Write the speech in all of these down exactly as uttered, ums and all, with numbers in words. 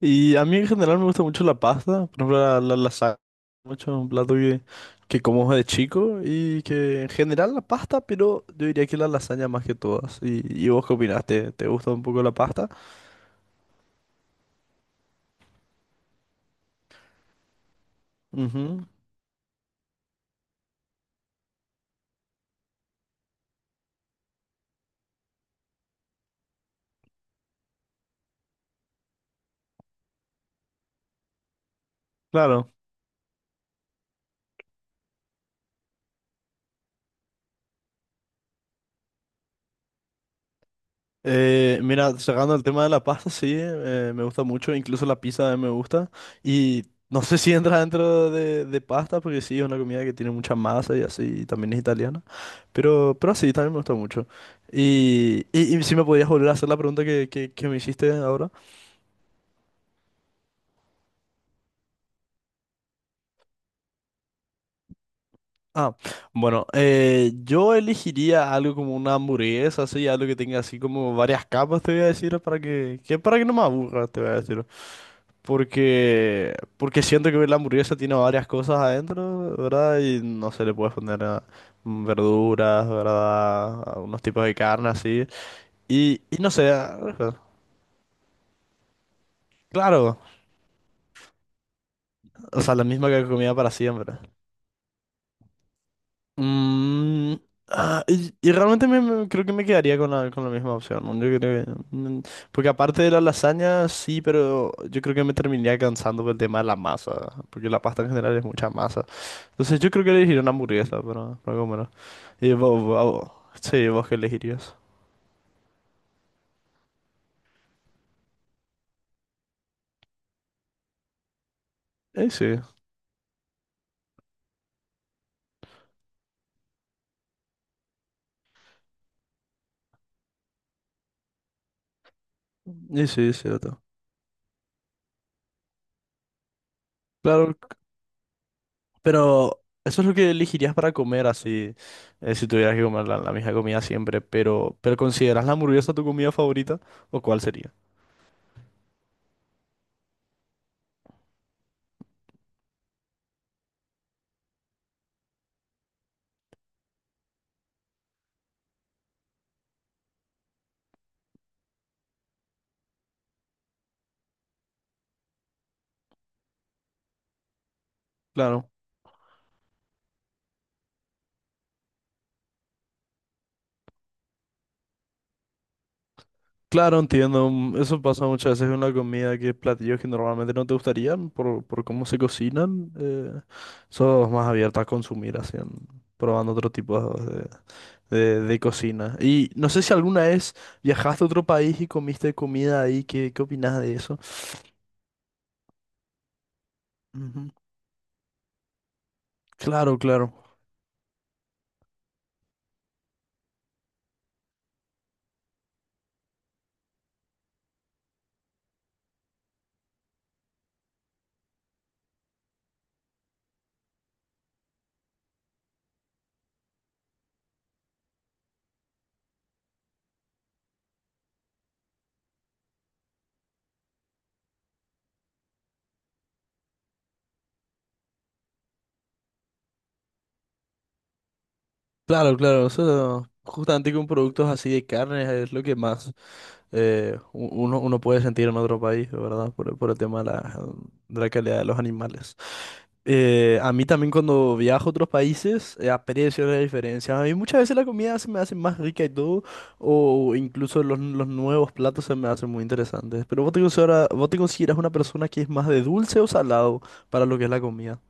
Y a mí en general me gusta mucho la pasta, por ejemplo la, la lasaña, mucho un plato que, que como de chico y que en general la pasta, pero yo diría que la lasaña más que todas. ¿Y, y vos qué opinás? ¿Te, te gusta un poco la pasta? Ujú. Claro. Eh, mira, sacando el tema de la pasta, sí, eh, me gusta mucho, incluso la pizza me gusta. Y no sé si entra dentro de, de pasta, porque sí, es una comida que tiene mucha masa y así, y también es italiana. Pero, pero sí, también me gustó mucho. Y, y, y si me podías volver a hacer la pregunta que, que, que me hiciste ahora. Ah, bueno, eh, yo elegiría algo como una hamburguesa, así, algo que tenga así como varias capas, te voy a decir, para que, que para que no me aburra, te voy a decir. Porque, porque siento que la hamburguesa tiene varias cosas adentro, ¿verdad? Y no se le puedes poner ah, mm, verduras, ¿verdad? A unos tipos de carne así. Y, y no sé, ah, claro, o sea, la misma que comía para siempre. Mm, ah, y, y realmente me, me- creo que me quedaría con la, con la misma opción, ¿no? Yo creo que, mm, porque aparte de la lasaña, sí, pero yo creo que me terminaría cansando por el tema de la masa, porque la pasta en general es mucha masa. Entonces yo creo que elegiría una hamburguesa para, para comer. Y vos, vos- vos- sí, vos qué elegirías. Eh, sí, eh, sí, es cierto. Claro, c- pero eso es lo que elegirías para comer así, eh, si tuvieras que comer la, la misma comida siempre, pero, pero ¿consideras la hamburguesa tu comida favorita o cuál sería? Claro, claro, entiendo. mm, Eso pasa muchas veces con la comida, que platillos que normalmente no te gustarían por, por cómo se cocinan, eh, sos más abierta a consumir, así, en- probando otro tipo de, de- de cocina. Y no sé si alguna vez viajaste a otro país y comiste comida ahí, ¿qué, qué opinas de eso? Ujú. Claro, claro. Claro, claro. Eso, justamente con productos así de carne es lo que más. Eh, u- uno, uno puede sentir en otro país, ¿verdad? Por, por el tema de la, de la calidad de los animales. Eh, a mí también cuando viajo a otros países eh, aprecio la diferencia. A mí muchas veces la comida se me hace más rica y todo, o incluso los, los nuevos platos se me hacen muy interesantes. Pero vos te consideras, vos te consideras una persona que es más de dulce o salado para lo que es la comida.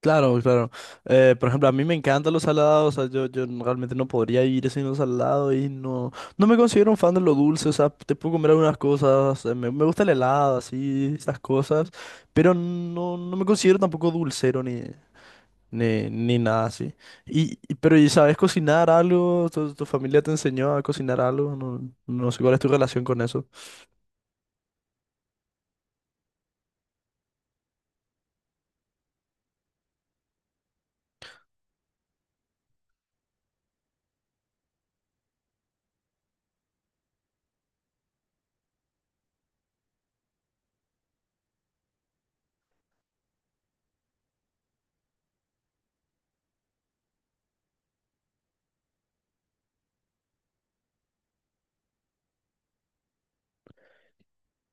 Claro, claro. Eh, por ejemplo, a mí me encantan los salados, o sea, yo, yo no- realmente no podría vivir sin los salados y no, no me considero un fan de lo dulce, o sea, te puedo comer algunas cosas, eh, me, me gusta el helado, así, estas cosas, pero no, no me considero tampoco dulcero ni, ni, ni nada así. Y, y- pero, ¿y sabes cocinar algo? ¿Tu, tu familia te enseñó a cocinar algo? No, no sé cuál es tu relación con eso.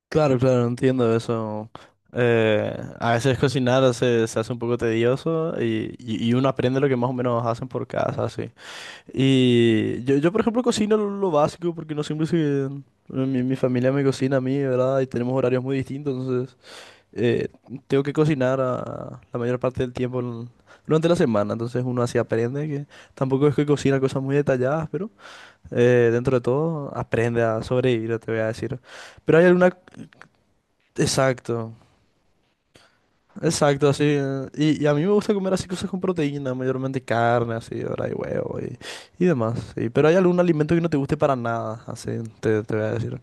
Claro, claro, entiendo eso. Eh, a veces cocinar se, se hace un poco tedioso y, y- y uno aprende lo que más o menos hacen por casa, así. Y yo, yo, por ejemplo, cocino lo, lo básico porque no siempre se... Mi, mi familia me cocina a mí, ¿verdad? Y tenemos horarios muy distintos, entonces eh, tengo que cocinar a- la mayor parte del tiempo en- durante la semana, entonces uno así aprende, que tampoco es que cocina cosas muy detalladas, pero eh, dentro de todo aprende a sobrevivir, te voy a decir. Pero hay alguna. Exacto, exacto, así. eh, Y, y a mí me gusta comer así cosas con proteína, mayormente carne, así, ahora y huevo y, y demás. Sí. Pero hay algún alimento que no te guste para nada, así, te, te voy a decir.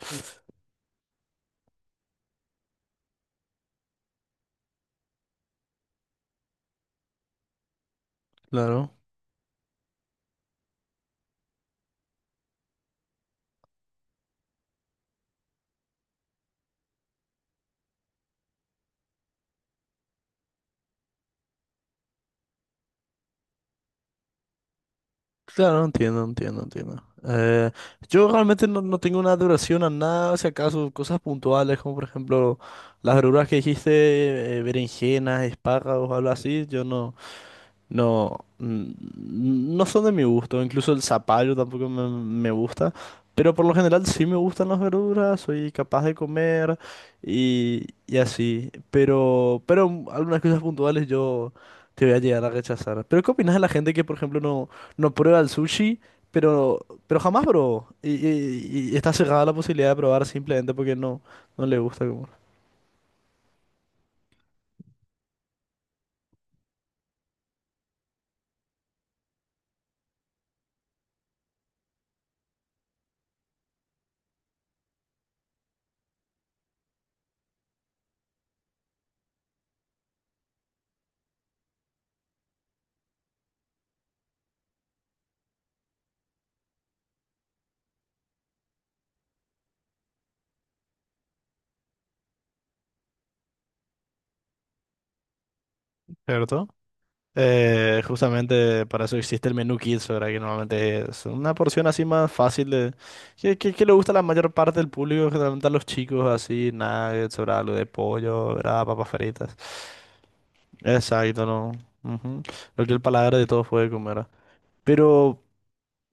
Claro, claro, entiendo, entiendo, entiendo. Eh, yo realmente no, no tengo una adoración a nada, si acaso cosas puntuales, como por ejemplo las verduras que dijiste, eh, berenjenas, espárragos, algo así, yo no. No, mm, no son de mi gusto, incluso el zapallo tampoco me, me gusta, pero por lo general sí me gustan las verduras, soy capaz de comer y, y así, pero, pero mm, algunas cosas puntuales yo te voy a llegar a rechazar. ¿Pero qué opinas de la gente que, por ejemplo, no, no prueba el sushi, pero, pero jamás probó y, y- y está cerrada la posibilidad de probar simplemente porque no, no le gusta como... ¿Cierto? Eh, justamente para eso existe el menú Kids, ¿verdad? Que normalmente es una porción así más fácil de... Que, que, que le gusta a la mayor parte del público, generalmente a los chicos, así, nuggets, ¿verdad? Algo de pollo, ¿verdad? Papas fritas. Exacto, ¿no? Ujú. Lo que el paladar de todos puede comer. Pero,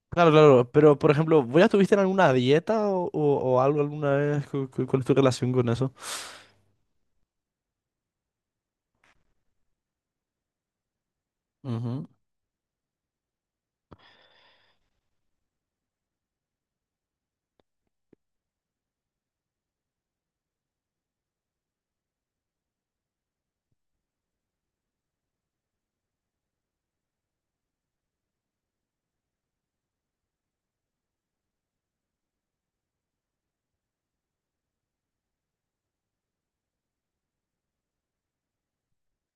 claro, claro, pero por ejemplo, ¿vos ya estuviste en alguna dieta o, o- o algo alguna vez? ¿Cu- cu- ¿Cuál es tu relación con eso? Ujú.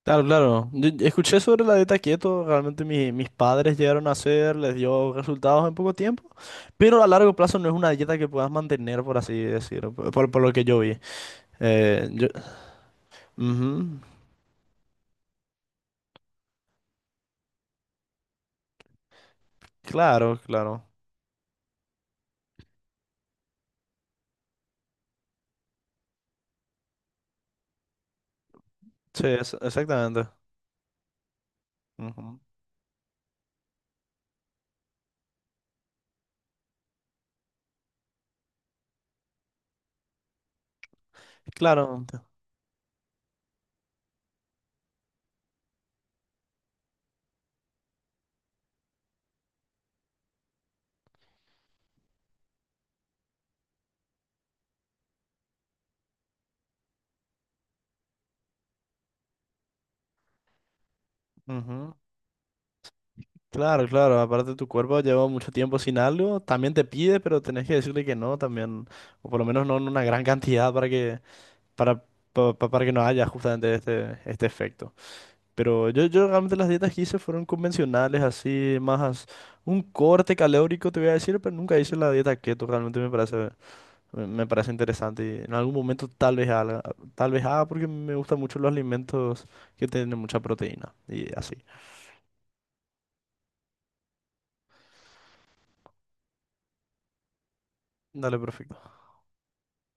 Claro, claro. Yo- yo escuché sobre la dieta keto, realmente mi- mis padres llegaron a hacer, les dio resultados en poco tiempo, pero a largo plazo no es una dieta que puedas mantener, por así decirlo, por, por- por lo que yo vi. Eh, yo- Ujú. Claro, claro. Sí, es- exactamente. Ujú. Claro, ujú. Claro, claro. Aparte tu cuerpo lleva mucho tiempo sin algo, también te pide, pero tenés que decirle que no también, o por lo menos no en una gran cantidad para que, para, pa- pa- para que no haya justamente este, este efecto. Pero yo, yo realmente las dietas que hice fueron convencionales, así, más un corte calórico, te voy a decir, pero nunca hice la dieta keto, realmente me parece, me, me parece interesante. Y en algún momento tal vez haga, tal vez haga porque me gustan mucho los alimentos que tienen mucha proteína y así. Dale, perfecto.